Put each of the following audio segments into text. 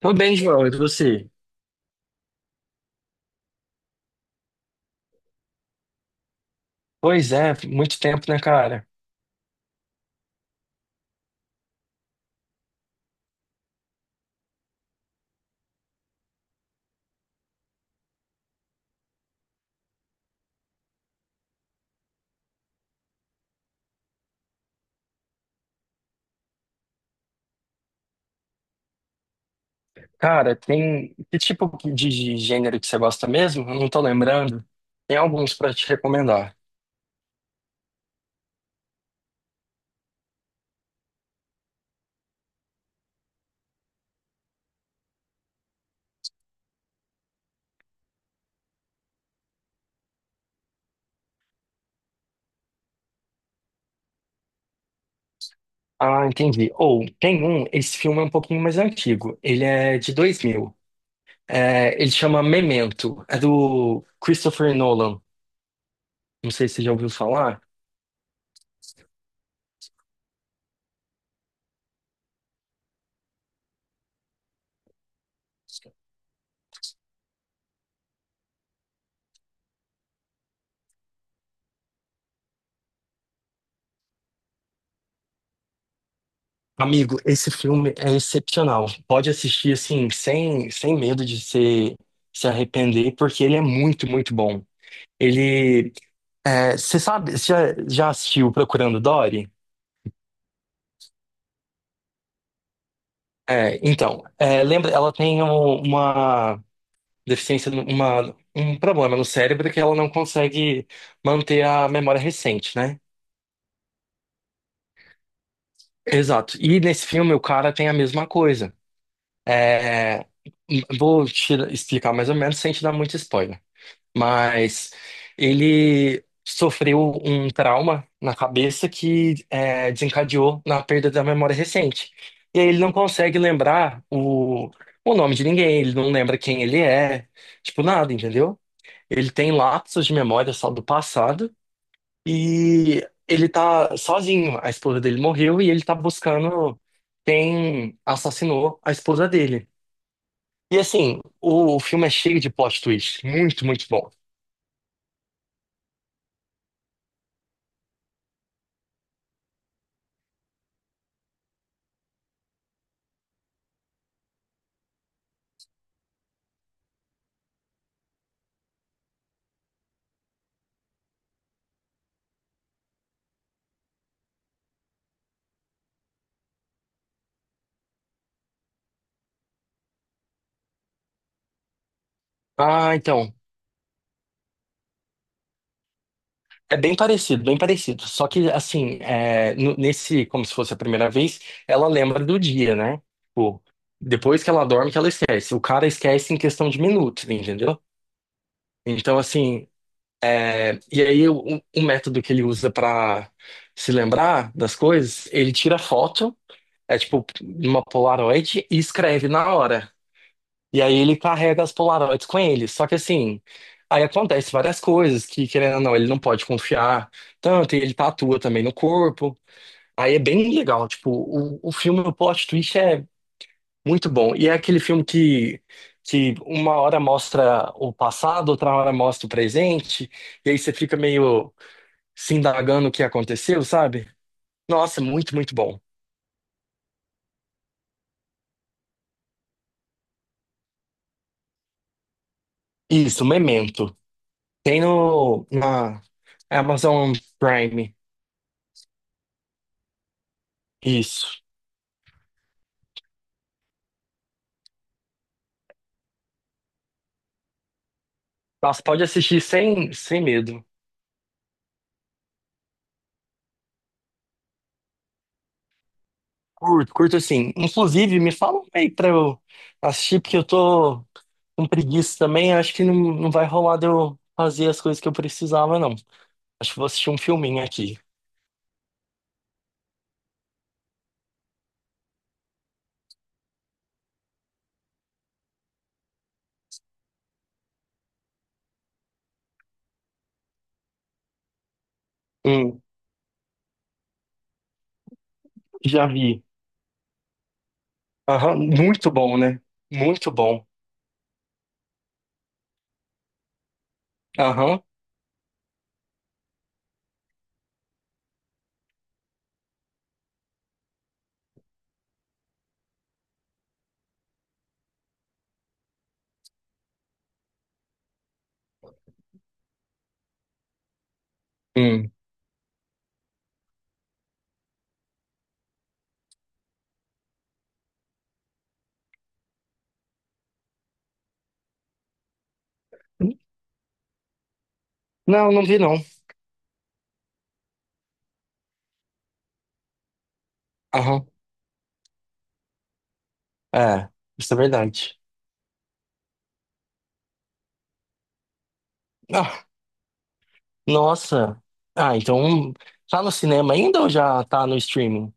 Tô bem, João, e você? Pois é, muito tempo, né, cara? Cara, tem. Que tipo de gênero que você gosta mesmo? Eu não tô lembrando. Tem alguns pra te recomendar. Ah, entendi. Ou, tem um, esse filme é um pouquinho mais antigo. Ele é de 2000. É, ele chama Memento. É do Christopher Nolan. Não sei se você já ouviu falar. Amigo, esse filme é excepcional. Pode assistir assim, sem medo de se arrepender, porque ele é muito, muito bom. Ele. Você sabe, você já assistiu Procurando Dory? É, então, é, lembra, ela tem uma deficiência, um problema no cérebro que ela não consegue manter a memória recente, né? Exato. E nesse filme o cara tem a mesma coisa. É, vou te explicar mais ou menos sem te dar muito spoiler. Mas ele sofreu um trauma na cabeça que desencadeou na perda da memória recente. E aí ele não consegue lembrar o nome de ninguém, ele não lembra quem ele é, tipo nada, entendeu? Ele tem lapsos de memória só do passado e ele tá sozinho. A esposa dele morreu e ele tá buscando quem assassinou a esposa dele. E assim, o filme é cheio de plot twist, muito, muito bom. Ah, então. É bem parecido, bem parecido. Só que, assim, é, nesse, como se fosse a primeira vez, ela lembra do dia, né? Tipo, depois que ela dorme, que ela esquece. O cara esquece em questão de minutos, entendeu? Então, assim, e aí o método que ele usa pra se lembrar das coisas, ele tira foto, é tipo uma Polaroid e escreve na hora. E aí ele carrega as Polaroids com ele. Só que assim, aí acontece várias coisas que, querendo ou não, ele não pode confiar tanto, e ele tatua também no corpo. Aí é bem legal, tipo, o filme, o plot twist é muito bom. E é aquele filme que uma hora mostra o passado, outra hora mostra o presente, e aí você fica meio se indagando o que aconteceu, sabe? Nossa, muito, muito bom. Isso, Memento. Tem no, na Amazon Prime. Isso. Nossa, pode assistir sem medo. Curto, curto assim. Inclusive, me fala um aí pra eu assistir, porque eu tô com preguiça também. Acho que não vai rolar de eu fazer as coisas que eu precisava, não. Acho que vou assistir um filminho aqui. Hum, já vi. Aham, muito bom, né? Muito bom. Aham. Hum. Não, não vi, não. Aham. É, isso é verdade. Ah, nossa. Ah, então tá no cinema ainda ou já tá no streaming?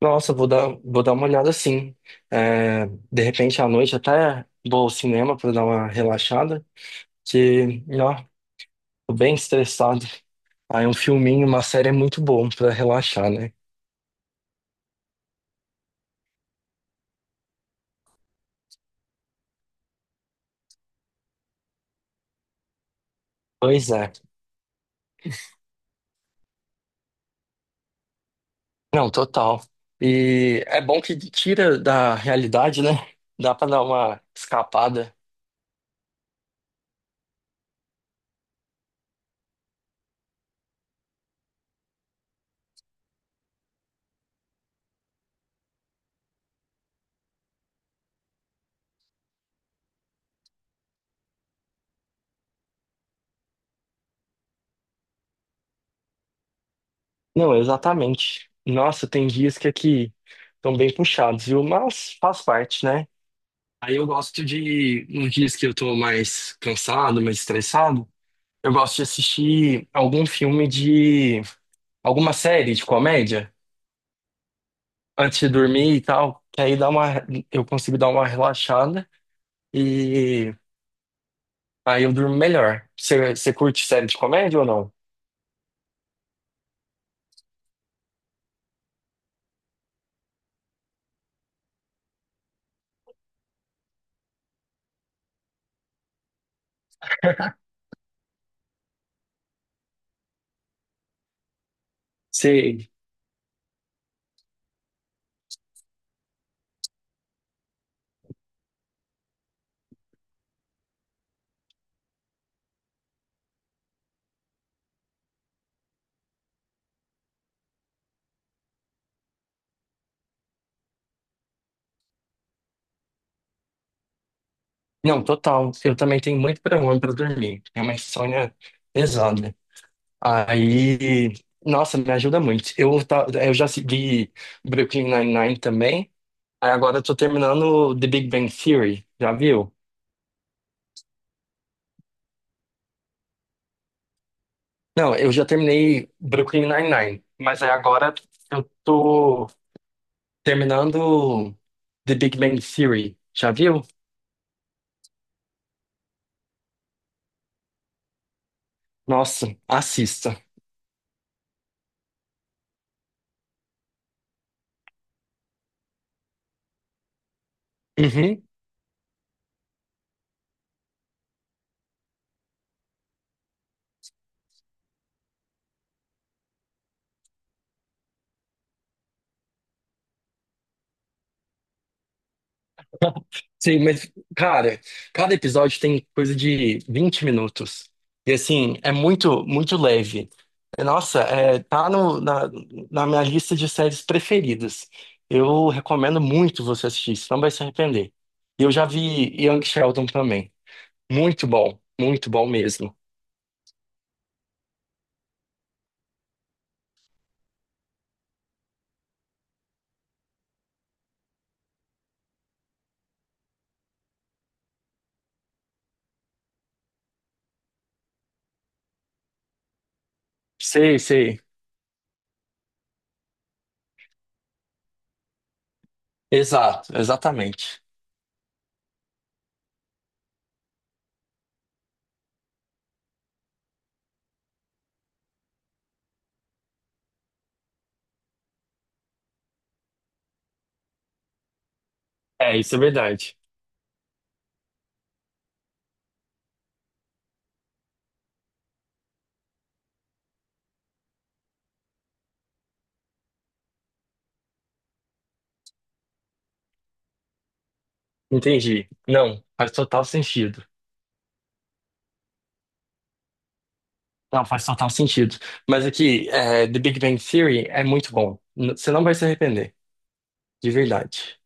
Nossa, vou dar uma olhada sim. É, de repente à noite até vou ao cinema para dar uma relaxada, que, ó, tô bem estressado. Aí um filminho, uma série é muito bom para relaxar, né? Pois é. Não, total. E é bom que tira da realidade, né? Dá para dar uma escapada. Não, exatamente. Nossa, tem dias que aqui estão bem puxados, viu? Mas faz parte, né? Aí eu gosto de, nos dias que eu tô mais cansado, mais estressado, eu gosto de assistir algum filme de, alguma série de comédia antes de dormir e tal, que aí dá uma, eu consigo dar uma relaxada e aí eu durmo melhor. Você, você curte série de comédia ou não? Você, não, total. Eu também tenho muito problema pra dormir. É uma insônia pesada. Aí, nossa, me ajuda muito. Eu já segui Brooklyn Nine-Nine também. Aí agora eu tô terminando The Big Bang Theory, já viu? Não, eu já terminei Brooklyn Nine-Nine, mas aí agora eu tô terminando The Big Bang Theory, já viu? Nossa, assista. Uhum. Sim, mas, cara, cada episódio tem coisa de 20 minutos. E, assim, é muito, muito leve. É, nossa, é, tá no, na minha lista de séries preferidas. Eu recomendo muito você assistir, você não vai se arrepender. E eu já vi Young Sheldon também. Muito bom mesmo. Sei, sei. Exato, exatamente. É, isso é verdade. Entendi. Não, faz total sentido. Não, faz total sentido. Mas aqui, é, The Big Bang Theory é muito bom. Você não vai se arrepender, de verdade.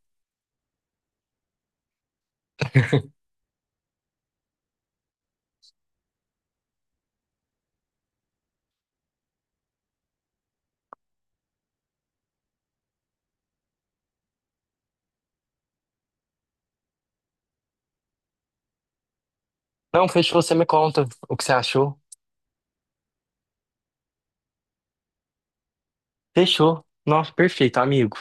Não, fechou, você me conta o que você achou. Fechou. Nossa, perfeito, amigo.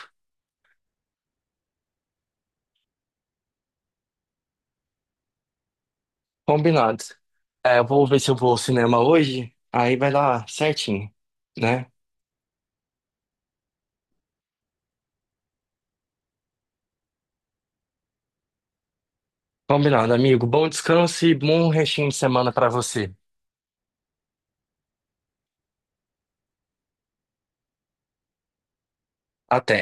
Combinado. É, eu vou ver se eu vou ao cinema hoje, aí vai dar certinho, né? Combinado, amigo. Bom descanso e bom restinho de semana pra você. Até.